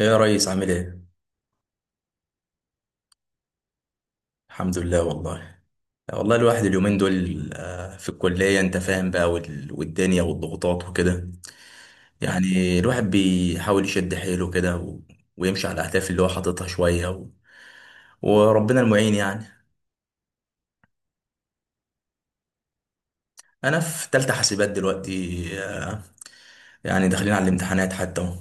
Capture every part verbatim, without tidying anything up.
ايه يا ريس عامل ايه؟ الحمد لله والله. والله الواحد اليومين دول آه، في الكلية انت فاهم بقى، وال- والدنيا والضغوطات وكده. يعني الواحد بيحاول يشد حيله كده و- ويمشي على الأهداف اللي هو حاططها شوية، و- وربنا المعين يعني. أنا في تالتة حاسبات دلوقتي، آه، يعني داخلين على الامتحانات حتى اهو.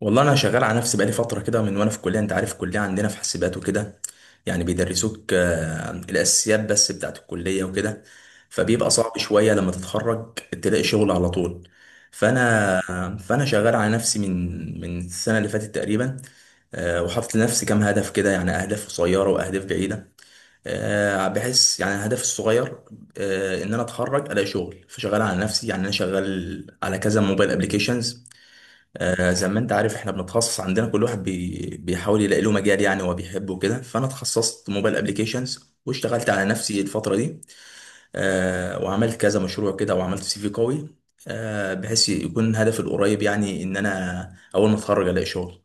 والله انا شغال على نفسي بقالي فتره كده من وانا في الكليه، انت عارف الكليه عندنا في حاسبات وكده. يعني بيدرسوك آه، الاساسيات بس بتاعت الكليه وكده. فبيبقى صعب شويه لما تتخرج تلاقي شغل على طول. فانا فانا شغال على نفسي من من السنه اللي فاتت تقريبا. آه، وحاطط لنفسي كام هدف كده، يعني اهداف قصيره واهداف بعيده. آه، بحس يعني الهدف الصغير آه، ان انا اتخرج الاقي شغل، فشغال على نفسي. يعني انا شغال على كذا موبايل ابلكيشنز. آه، زي ما انت عارف احنا بنتخصص عندنا، كل واحد بي بيحاول يلاقي له مجال يعني هو بيحبه كده. فانا اتخصصت موبايل ابليكيشنز واشتغلت على نفسي الفترة دي. آه، وعملت كذا مشروع كده وعملت سي في قوي، آه، بحيث يكون هدفي القريب يعني ان انا اول ما اتخرج الاقي شغل.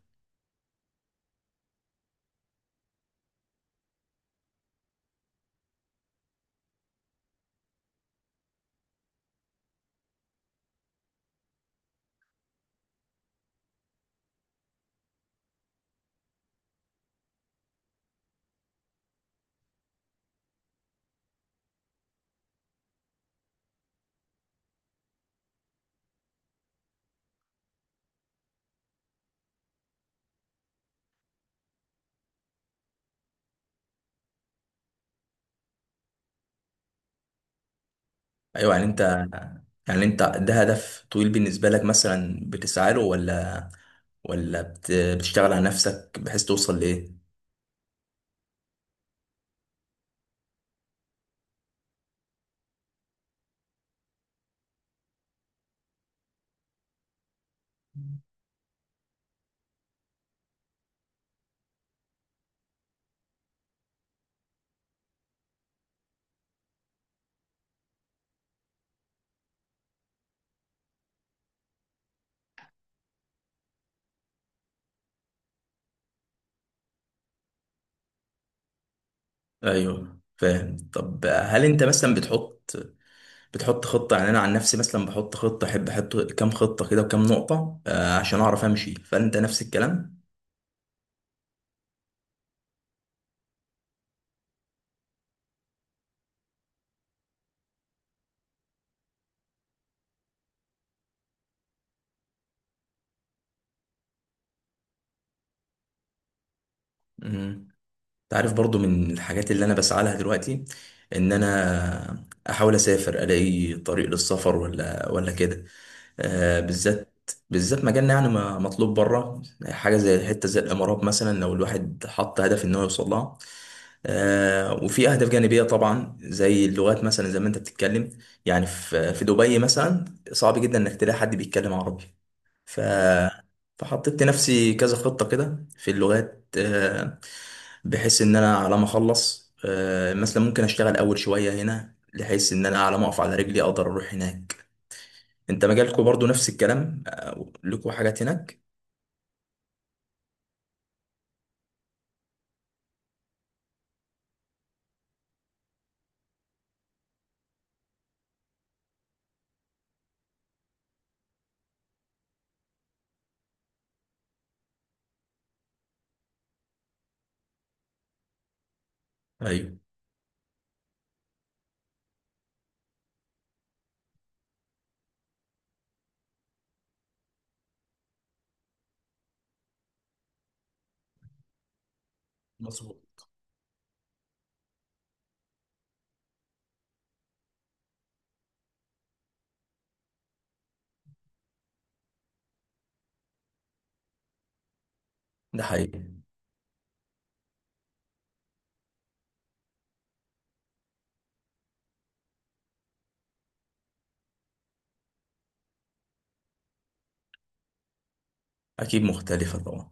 ايوه. يعني انت، يعني انت ده هدف طويل بالنسبة لك مثلا بتسعى له، ولا ولا بت- بتشتغل على نفسك بحيث توصل لايه؟ ايوه فاهم. طب هل انت مثلا بتحط بتحط خطة؟ يعني أنا عن نفسي مثلا بحط خطة، أحب أحط كام خطة كده وكام نقطة آه، عشان أعرف أمشي، فأنت نفس الكلام. مم. أنت عارف برضو من الحاجات اللي أنا بسعى لها دلوقتي، إن أنا أحاول أسافر ألاقي طريق للسفر ولا ولا كده. آه، بالذات بالذات مجالنا يعني ما- مطلوب بره. حاجه زي حته زي الامارات مثلا، لو الواحد حط هدف ان هو يوصل لها. آه، وفي اهداف جانبيه طبعا زي اللغات، مثلا زي ما انت بتتكلم، يعني في في دبي مثلا صعب جدا انك تلاقي حد بيتكلم عربي. ف فحطيت لنفسي كذا خطه كده في اللغات، آه، بحيث ان انا على ما اخلص آه، مثلا ممكن اشتغل اول شويه هنا بحيث ان انا على ما اقف على رجلي اقدر اروح هناك. انت مجالكوا برضو نفس الكلام، آه، لكوا حاجات هناك. ايوه مظبوط. ده حقيقي. اكيد مختلفة طبعا.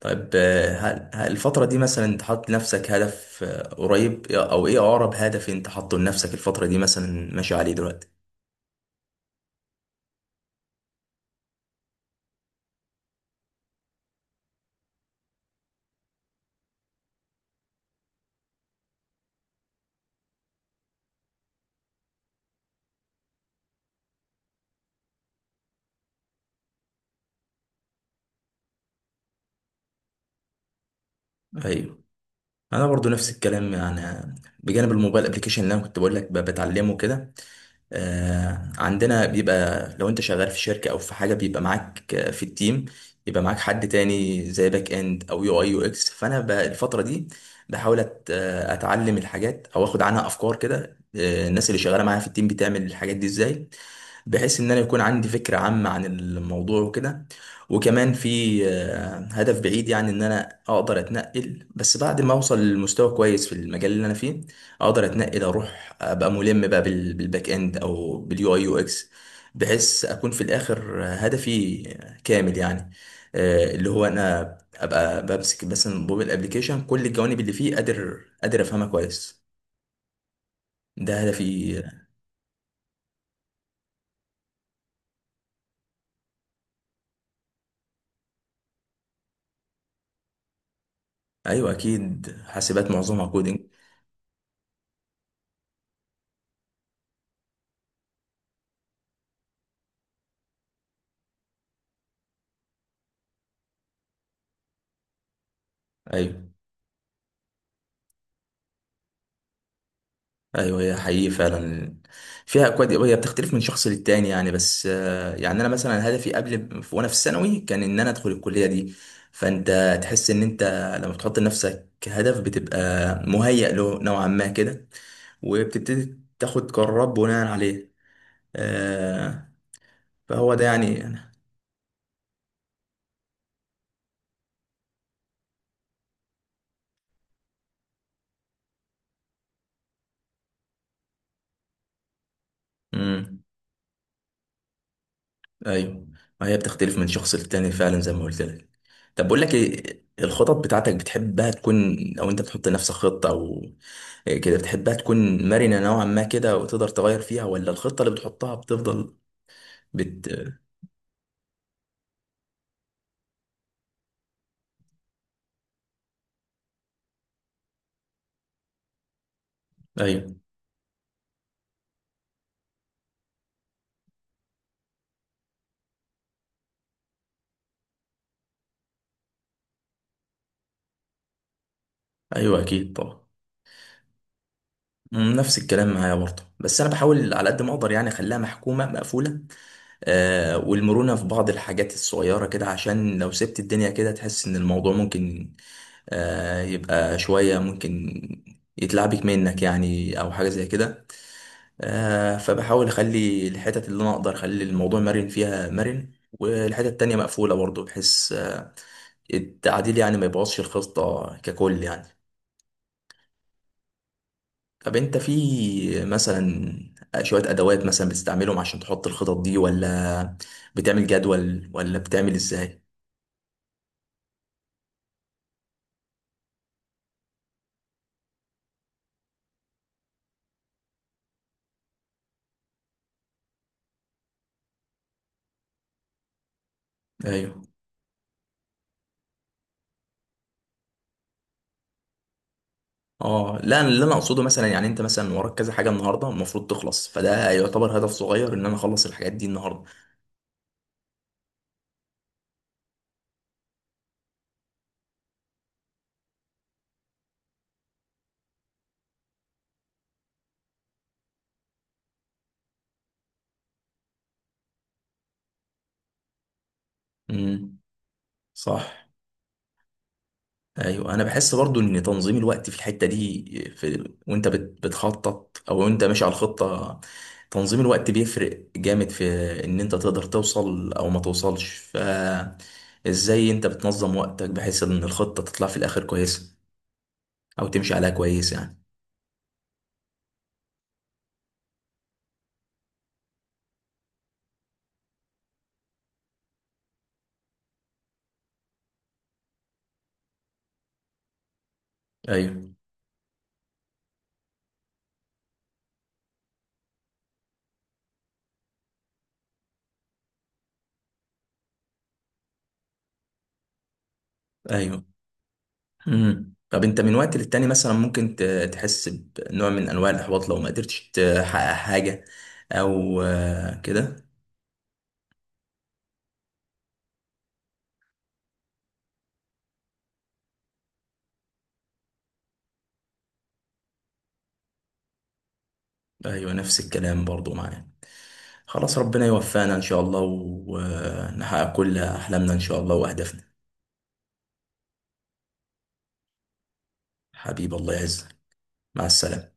طيب، آه، هل هل الفترة دي مثلا انت حاطط لنفسك هدف آه، قريب، إيه، او ايه اقرب هدف انت حاطه لنفسك الفترة دي مثلا ماشي عليه دلوقتي؟ ايوه. انا برضو نفس الكلام يعني، آه، بجانب الموبايل ابلكيشن اللي انا كنت بقول لك ب- بتعلمه كده. آه، عندنا بيبقى لو انت شغال في شركة او في حاجة بيبقى معاك آه، في التيم، يبقى معاك حد تاني زي باك اند او يو اي يو اكس. فانا ب- الفترة دي بحاول أت- آه، اتعلم الحاجات او اخد عنها افكار كده. آه، الناس اللي شغالة معايا في التيم بتعمل الحاجات دي ازاي، بحيث ان انا يكون عندي فكرة عامة عن الموضوع وكده. وكمان في آه، هدف بعيد، يعني ان انا اقدر اتنقل بس بعد ما اوصل لمستوى كويس في المجال اللي انا فيه، اقدر اتنقل اروح ابقى ملم بقى بال- بالباك اند او باليو اي يو اكس، بحيث اكون في الاخر هدفي كامل يعني. آه، اللي هو انا ابقى بمسك بس الموبايل ابلكيشن كل الجوانب اللي فيه قادر قادر افهمها كويس. ده هدفي. ايوه اكيد، حاسبات معظمها كودينج. ايوه، ايوه، هي حقيقي فعلا فيها اكواد، هي بتختلف من شخص للتاني يعني. بس آه، يعني انا مثلا هدفي قبل وانا في الثانوي كان ان انا ادخل الكليه دي. فانت تحس ان انت لما بتحط لنفسك هدف بتبقى مهيأ له نوعا ما كده، وبتبتدي تاخد قرارات بناء عليه. آه، فهو ده يعني انا. امم ايوه، ما هي بتختلف من شخص للتاني فعلا زي ما قلت لك. طب بقول لك ايه الخطط بتاعتك بتحبها تكون، او انت بتحط لنفسك خطه كده بتحبها تكون مرنة نوعا ما كده وتقدر تغير فيها، ولا الخطة اللي بتحطها بتفضل بت ايوه، ايوه اكيد طبعا. مم، نفس الكلام معايا برضه. بس انا بحاول على قد ما اقدر يعني اخليها محكومة مقفولة، آه والمرونة في بعض الحاجات الصغيرة كده عشان لو سبت الدنيا كده تحس ان الموضوع ممكن آه يبقى شوية ممكن يتلعبك منك يعني، او حاجة زي كده. آه فبحاول اخلي الحتت اللي انا اقدر اخلي الموضوع مرن فيها مرن، والحتة التانية مقفولة برضه، بحيث التعديل يعني ما يبوظش الخطة ككل يعني. طب انت في مثلا شوية ادوات مثلا بتستعملهم عشان تحط الخطط دي، ولا بتعمل جدول ولا بتعمل ازاي؟ ايوه. اه لا، أنا اللي انا اقصده مثلا يعني انت مثلا وراك كذا حاجة النهاردة المفروض تخلص، فده يعتبر هدف صغير ان انا اخلص الحاجات دي النهاردة. امم، صح. ايوه، انا بحس برضو ان تنظيم الوقت في الحته دي، في وانت بت- بتخطط او وانت ماشي على الخطه، تنظيم الوقت بيفرق جامد في ان انت تقدر توصل او ما توصلش. فازاي انت بتنظم وقتك بحيث ان الخطه تطلع في الاخر كويسه، او تمشي عليها كويس يعني. ايوه، ايوه. امم طب انت من وقت للتاني مثلا ممكن ت- تحس بنوع من انواع الاحباط لو ما قدرتش تحقق حاجه، او آه، كده. ايوه نفس الكلام برضو معايا. خلاص، ربنا يوفقنا إن شاء الله ونحقق كل أحلامنا إن شاء الله وأهدافنا. حبيب الله يعزك. مع السلامة.